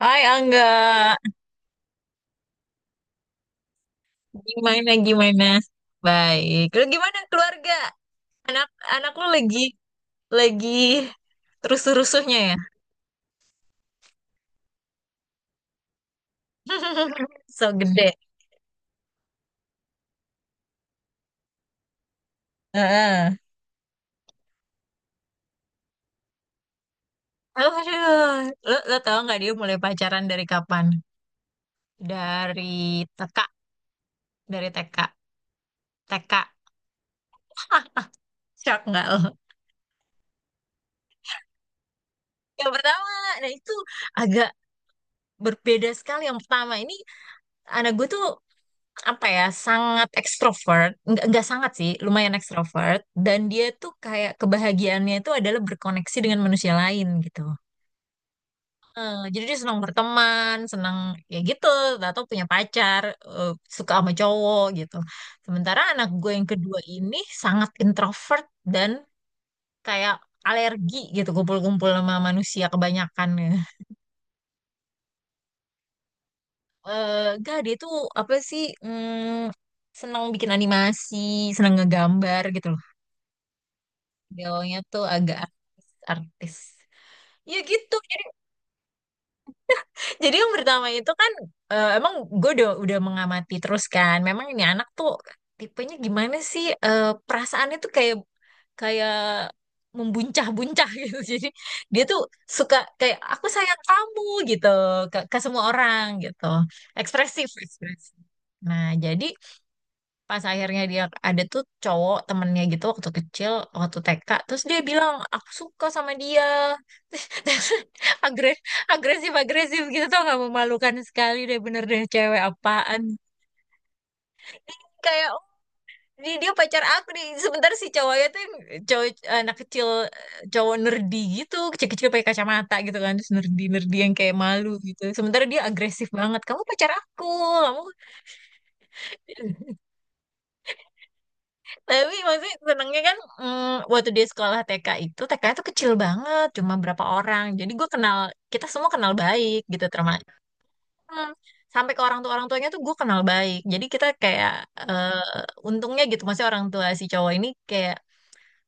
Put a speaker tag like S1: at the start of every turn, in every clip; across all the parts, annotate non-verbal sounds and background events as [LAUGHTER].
S1: Hai Angga, gimana gimana? Baik. Lu gimana keluarga? Anak anak lu lagi rusuh-rusuhnya ya? [LAUGHS] So gede. Heeh. Aduh, lu tau nggak dia mulai pacaran dari kapan? Dari TK, dari TK, TK. Shock nggak lo? Yang pertama, nah itu agak berbeda sekali. Yang pertama ini anak gue tuh apa ya sangat ekstrovert nggak sangat sih lumayan ekstrovert dan dia tuh kayak kebahagiaannya itu adalah berkoneksi dengan manusia lain gitu. Jadi dia senang berteman senang ya gitu atau punya pacar, eh, suka sama cowok gitu, sementara anak gue yang kedua ini sangat introvert dan kayak alergi gitu kumpul-kumpul sama manusia kebanyakan ya. Gak, dia tuh apa sih, senang bikin animasi, senang ngegambar gitu loh. Beliaunya tuh agak artis-artis. Ya gitu. Jadi, yang pertama itu kan, emang gue udah mengamati terus kan. Memang ini anak tuh tipenya gimana sih? Perasaannya tuh kayak kayak membuncah-buncah [LAUGHS] gitu. Jadi dia tuh suka kayak aku sayang kamu gitu ke semua orang gitu. Ekspresif, ekspresif. Nah, jadi pas akhirnya dia ada tuh cowok temennya gitu waktu kecil, waktu TK, terus dia bilang aku suka sama dia. [LAUGHS] Agresif agresif agresif gitu tuh, nggak memalukan sekali deh, bener deh, cewek apaan kayak, "Oh, dia pacar aku nih." Sebentar, si cowoknya tuh yang cowok anak kecil, cowok nerdi gitu, kecil-kecil pakai kacamata gitu kan, terus nerdi nerdi yang kayak malu gitu, sementara dia agresif banget, kamu pacar aku, kamu. Tapi maksudnya senengnya kan, waktu dia sekolah TK itu, TK itu kecil banget, cuma berapa orang, jadi gue kenal, kita semua kenal baik gitu, termasuk. Hmm, sampai ke orang tuanya tuh gue kenal baik, jadi kita kayak, eh, untungnya gitu, maksudnya orang tua si cowok ini kayak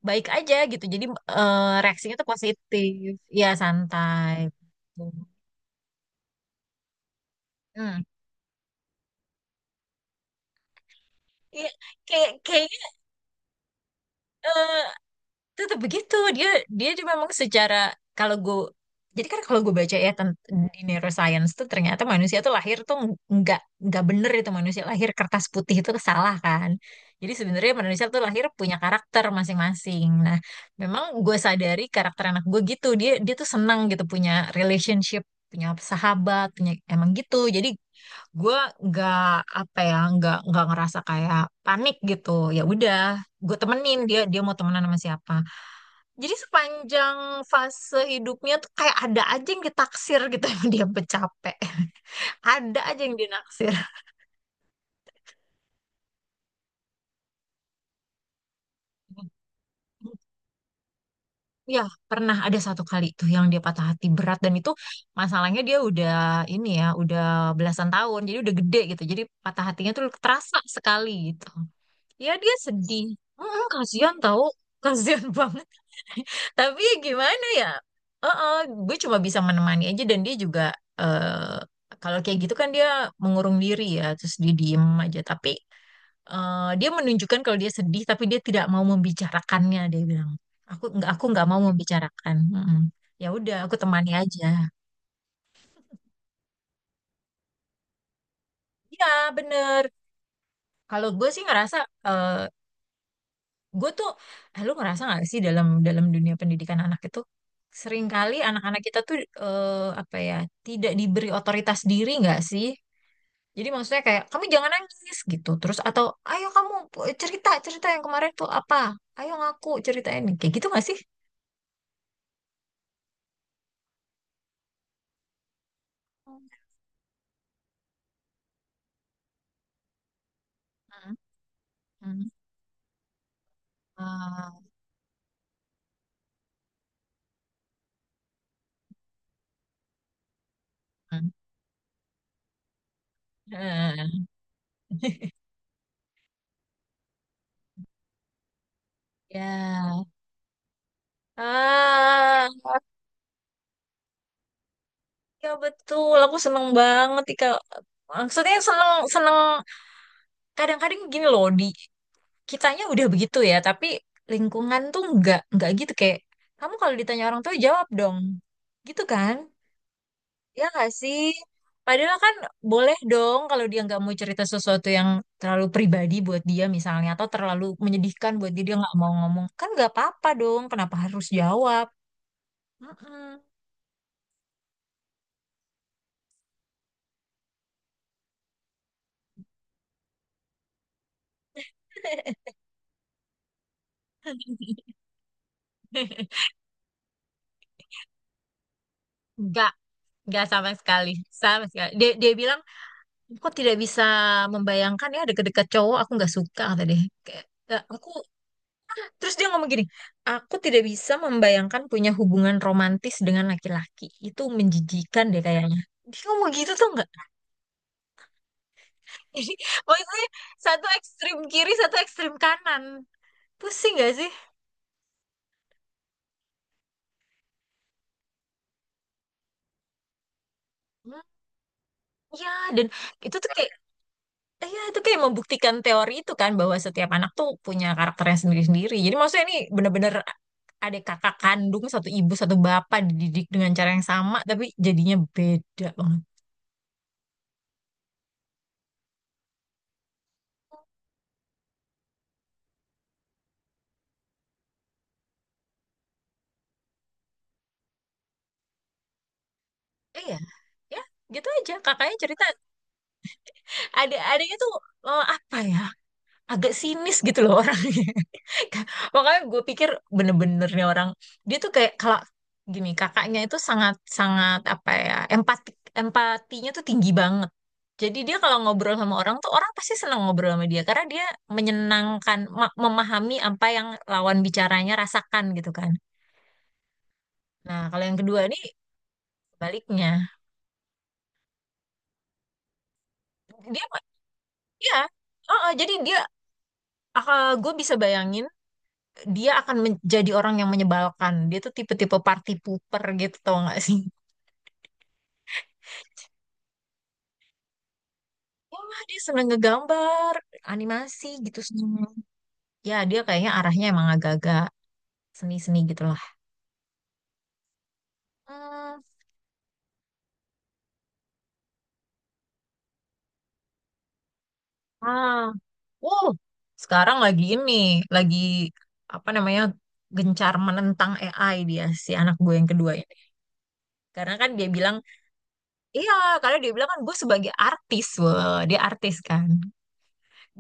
S1: baik aja gitu, jadi eh, reaksinya tuh positif, ya santai. Hmm. Iya, kayaknya eh, tetap begitu. Dia dia juga memang secara, kalau gue, jadi kan kalau gue baca ya, di neuroscience tuh ternyata manusia tuh lahir tuh nggak nggak bener itu, manusia lahir kertas putih itu salah kan. Jadi sebenarnya manusia tuh lahir punya karakter masing-masing. Nah, memang gue sadari karakter anak gue gitu, dia dia tuh senang gitu punya relationship, punya sahabat, punya, emang gitu. Jadi gue nggak, apa ya, nggak ngerasa kayak panik gitu. Ya udah, gue temenin dia, dia mau temenan sama siapa. Jadi sepanjang fase hidupnya tuh kayak ada aja yang ditaksir gitu [LAUGHS] yang dia bercapek. Ada aja yang dinaksir. [LAUGHS] Ya, pernah ada satu kali tuh yang dia patah hati berat, dan itu masalahnya dia udah ini ya, udah belasan tahun. Jadi udah gede gitu. Jadi patah hatinya tuh terasa sekali gitu. Ya dia sedih. Kasihan tau. Kasihan [LAUGHS] banget. [LAUGHS] Tapi ya gimana ya? Heeh, gue cuma bisa menemani aja, dan dia juga eh kalau kayak gitu kan dia mengurung diri ya, terus dia diem aja. Tapi dia menunjukkan kalau dia sedih, tapi dia tidak mau membicarakannya. Dia bilang, aku nggak mau membicarakan. Mm-mm. Ya udah, aku temani aja. Ya bener. Kalau gue sih ngerasa, eh, Gue tuh, lu ngerasa nggak sih, dalam dalam dunia pendidikan anak itu seringkali anak-anak kita tuh eh, apa ya tidak diberi otoritas diri nggak sih? Jadi maksudnya kayak kamu jangan nangis gitu, terus, atau ayo kamu cerita, cerita yang kemarin tuh apa? Ayo ngaku, ceritain, kayak gitu nggak sih? Hmm, hmm, hmm. Hmm. Ya, ah, ya betul. Aku seneng banget Ika. Maksudnya seneng, seneng. Kadang-kadang gini loh, di kitanya udah begitu ya, tapi lingkungan tuh nggak gitu, kayak kamu kalau ditanya orang tua jawab dong, gitu kan? Ya nggak sih? Padahal kan boleh dong kalau dia nggak mau cerita sesuatu yang terlalu pribadi buat dia misalnya, atau terlalu menyedihkan buat dia, dia nggak mau ngomong kan nggak apa-apa dong. Kenapa harus jawab? Mm-mm. [LAUGHS] Enggak, enggak sama sekali, sama sekali. Dia bilang, kok tidak bisa membayangkan ya deket-deket cowok, aku nggak suka, kata dia. Kayak, "Ya, aku." Terus dia ngomong gini, aku tidak bisa membayangkan punya hubungan romantis dengan laki-laki. Itu menjijikan deh kayaknya. Dia ngomong gitu tuh nggak? [LAUGHS] Jadi maksudnya satu ekstrim kiri, satu ekstrim kanan. Pusing gak sih? Hmm, ya, dan itu tuh kayak, ya itu kayak membuktikan teori itu kan, bahwa setiap anak tuh punya karakternya sendiri-sendiri. Jadi maksudnya ini bener-bener ada kakak kandung, satu ibu, satu bapak, dididik dengan cara yang sama, tapi jadinya beda banget. Iya, ya gitu aja. Kakaknya cerita, adik-adiknya tuh eh, apa ya agak sinis gitu loh orangnya. [LAUGHS] Makanya gue pikir benernya orang, dia tuh kayak kalau gini, kakaknya itu sangat sangat apa ya empatik, empatinya tuh tinggi banget. Jadi dia kalau ngobrol sama orang tuh, orang pasti senang ngobrol sama dia, karena dia menyenangkan, memahami apa yang lawan bicaranya rasakan gitu kan. Nah, kalau yang kedua nih baliknya, dia ya, oh, oh, jadi dia, ah, gue bisa bayangin, dia akan menjadi orang yang menyebalkan. Dia tuh tipe-tipe party pooper gitu, tau gak sih? Wah, dia seneng ngegambar, animasi gitu seneng. Ya, dia kayaknya arahnya emang agak-agak seni-seni gitu lah. Hmm, ah, wow, sekarang lagi ini, lagi apa namanya, gencar menentang AI dia, si anak gue yang kedua ini. Karena kan dia bilang, iya, karena dia bilang kan, gue sebagai artis, wah, dia artis kan.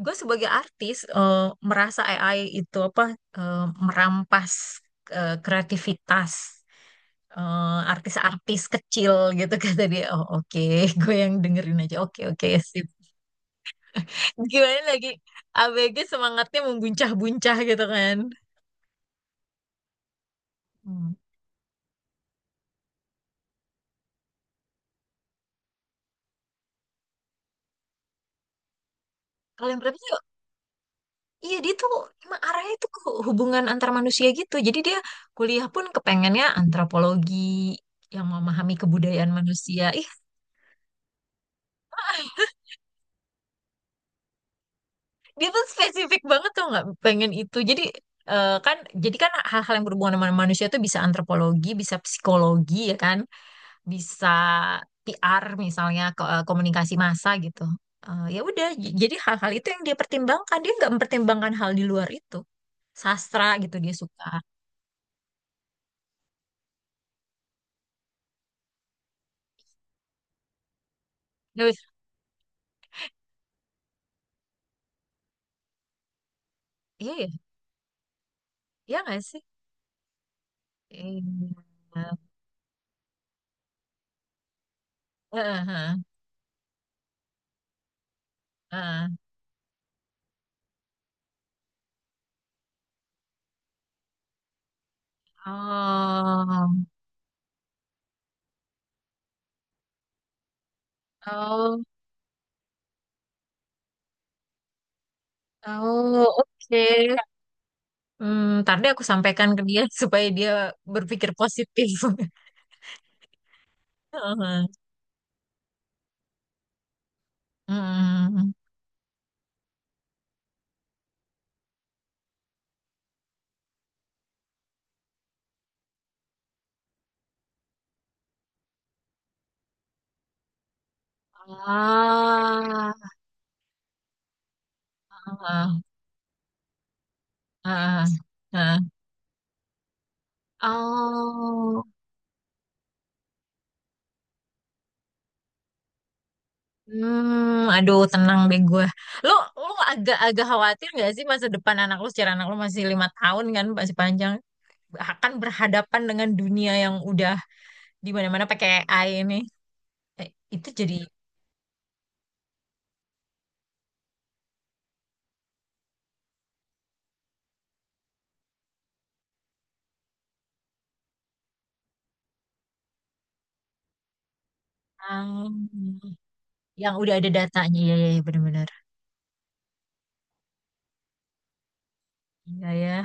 S1: Gue sebagai artis, merasa AI itu apa, eh, merampas, kreativitas, artis-artis kecil gitu, [LAUGHS] kata dia. Oh oke, [LAUGHS] gue yang dengerin aja. Oke oke sip. Gimana lagi? ABG semangatnya membuncah-buncah gitu kan. Hmm. Kalau yang berapa? Iya, dia tuh emang arahnya tuh ke hubungan antar manusia gitu. Jadi dia kuliah pun kepengennya antropologi, yang memahami kebudayaan manusia. Ih, dia tuh spesifik banget tuh, nggak pengen itu, jadi kan, jadi kan hal-hal yang berhubungan dengan manusia tuh bisa antropologi, bisa psikologi ya kan, bisa PR misalnya, komunikasi massa gitu. Ya udah, jadi hal-hal itu yang dia pertimbangkan, dia nggak mempertimbangkan hal di luar itu, sastra gitu dia suka. Ya wis, iya ya iya nggak sih? Iya. Heeh, heeh, heeh. Oh oh oh oke. Hmm, ntar deh aku sampaikan ke dia [LAUGHS] supaya dia berpikir positif. [LAUGHS] Heeh. Hmm. Ah, ah, ah, ah. Oh, hmm, aduh tenang deh gue. Lo, lo agak-agak khawatir gak sih masa depan anak lo? Secara anak lo masih 5 tahun kan, masih panjang. Akan berhadapan dengan dunia yang udah di mana-mana pakai AI ini. Eh, itu jadi, ah, yang udah ada datanya, ya, ya, ya benar-benar. Iya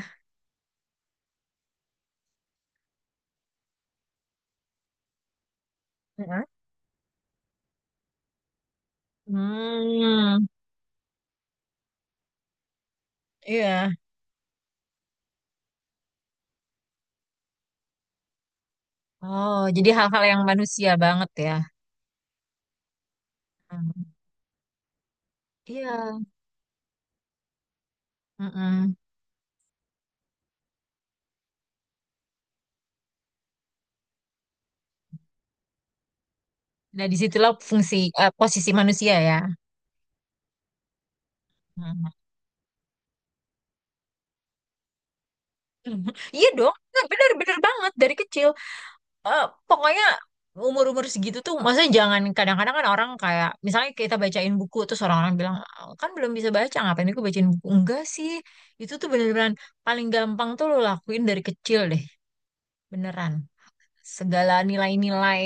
S1: ya. Hmm, iya. Oh, jadi hal-hal yang manusia banget ya. Hmm, iya. Mm-mm. Nah, disitulah fungsi, posisi manusia ya. Hmm. [LAUGHS] Iya dong. Nah, bener-bener banget dari kecil. Eh, Pokoknya umur-umur segitu tuh, maksudnya jangan, kadang-kadang kan orang kayak, misalnya kita bacain buku, terus orang-orang bilang, "Ah, kan belum bisa baca, ngapain aku bacain buku?" Enggak sih, itu tuh bener-beneran paling gampang tuh lo lakuin dari kecil deh, beneran. Segala nilai-nilai,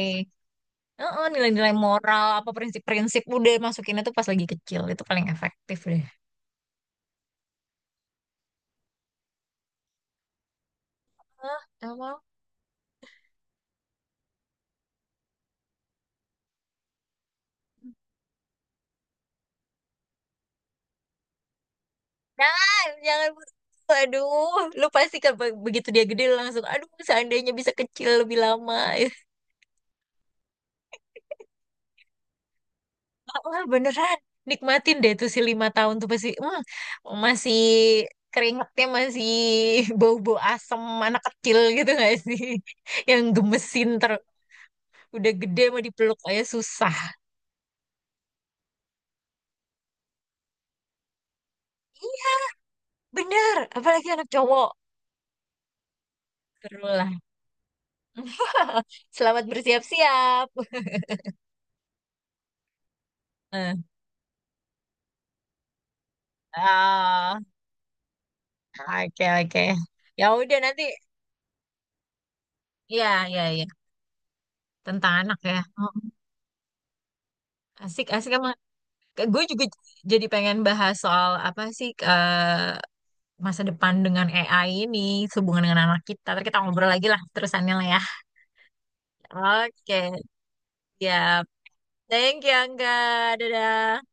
S1: Heeh, nilai-nilai moral apa prinsip-prinsip, udah masukin itu pas lagi kecil itu paling efektif deh. Hah, emang? Jangan, jangan. Aduh, lu pasti kan, begitu dia gede lu langsung, aduh seandainya bisa kecil lebih lama. [LAUGHS] Wah, beneran. Nikmatin deh tuh si 5 tahun tuh pasti, masih keringetnya, masih [LAUGHS] bau-bau asem anak kecil gitu gak sih? [LAUGHS] Yang gemesin, udah gede mau dipeluk aja susah. Bener, apalagi anak cowok. Seru lah. [LAUGHS] Selamat bersiap-siap. Eh, ah, oke oke. Ya udah nanti. Ya ya ya. Tentang anak ya. Oh, asik asik emang. Gue juga jadi pengen bahas soal apa sih, masa depan dengan AI ini, hubungan dengan anak kita. Ntar kita ngobrol lagi lah terusannya lah ya. Oke, siap. Thank you Angga. Dadah.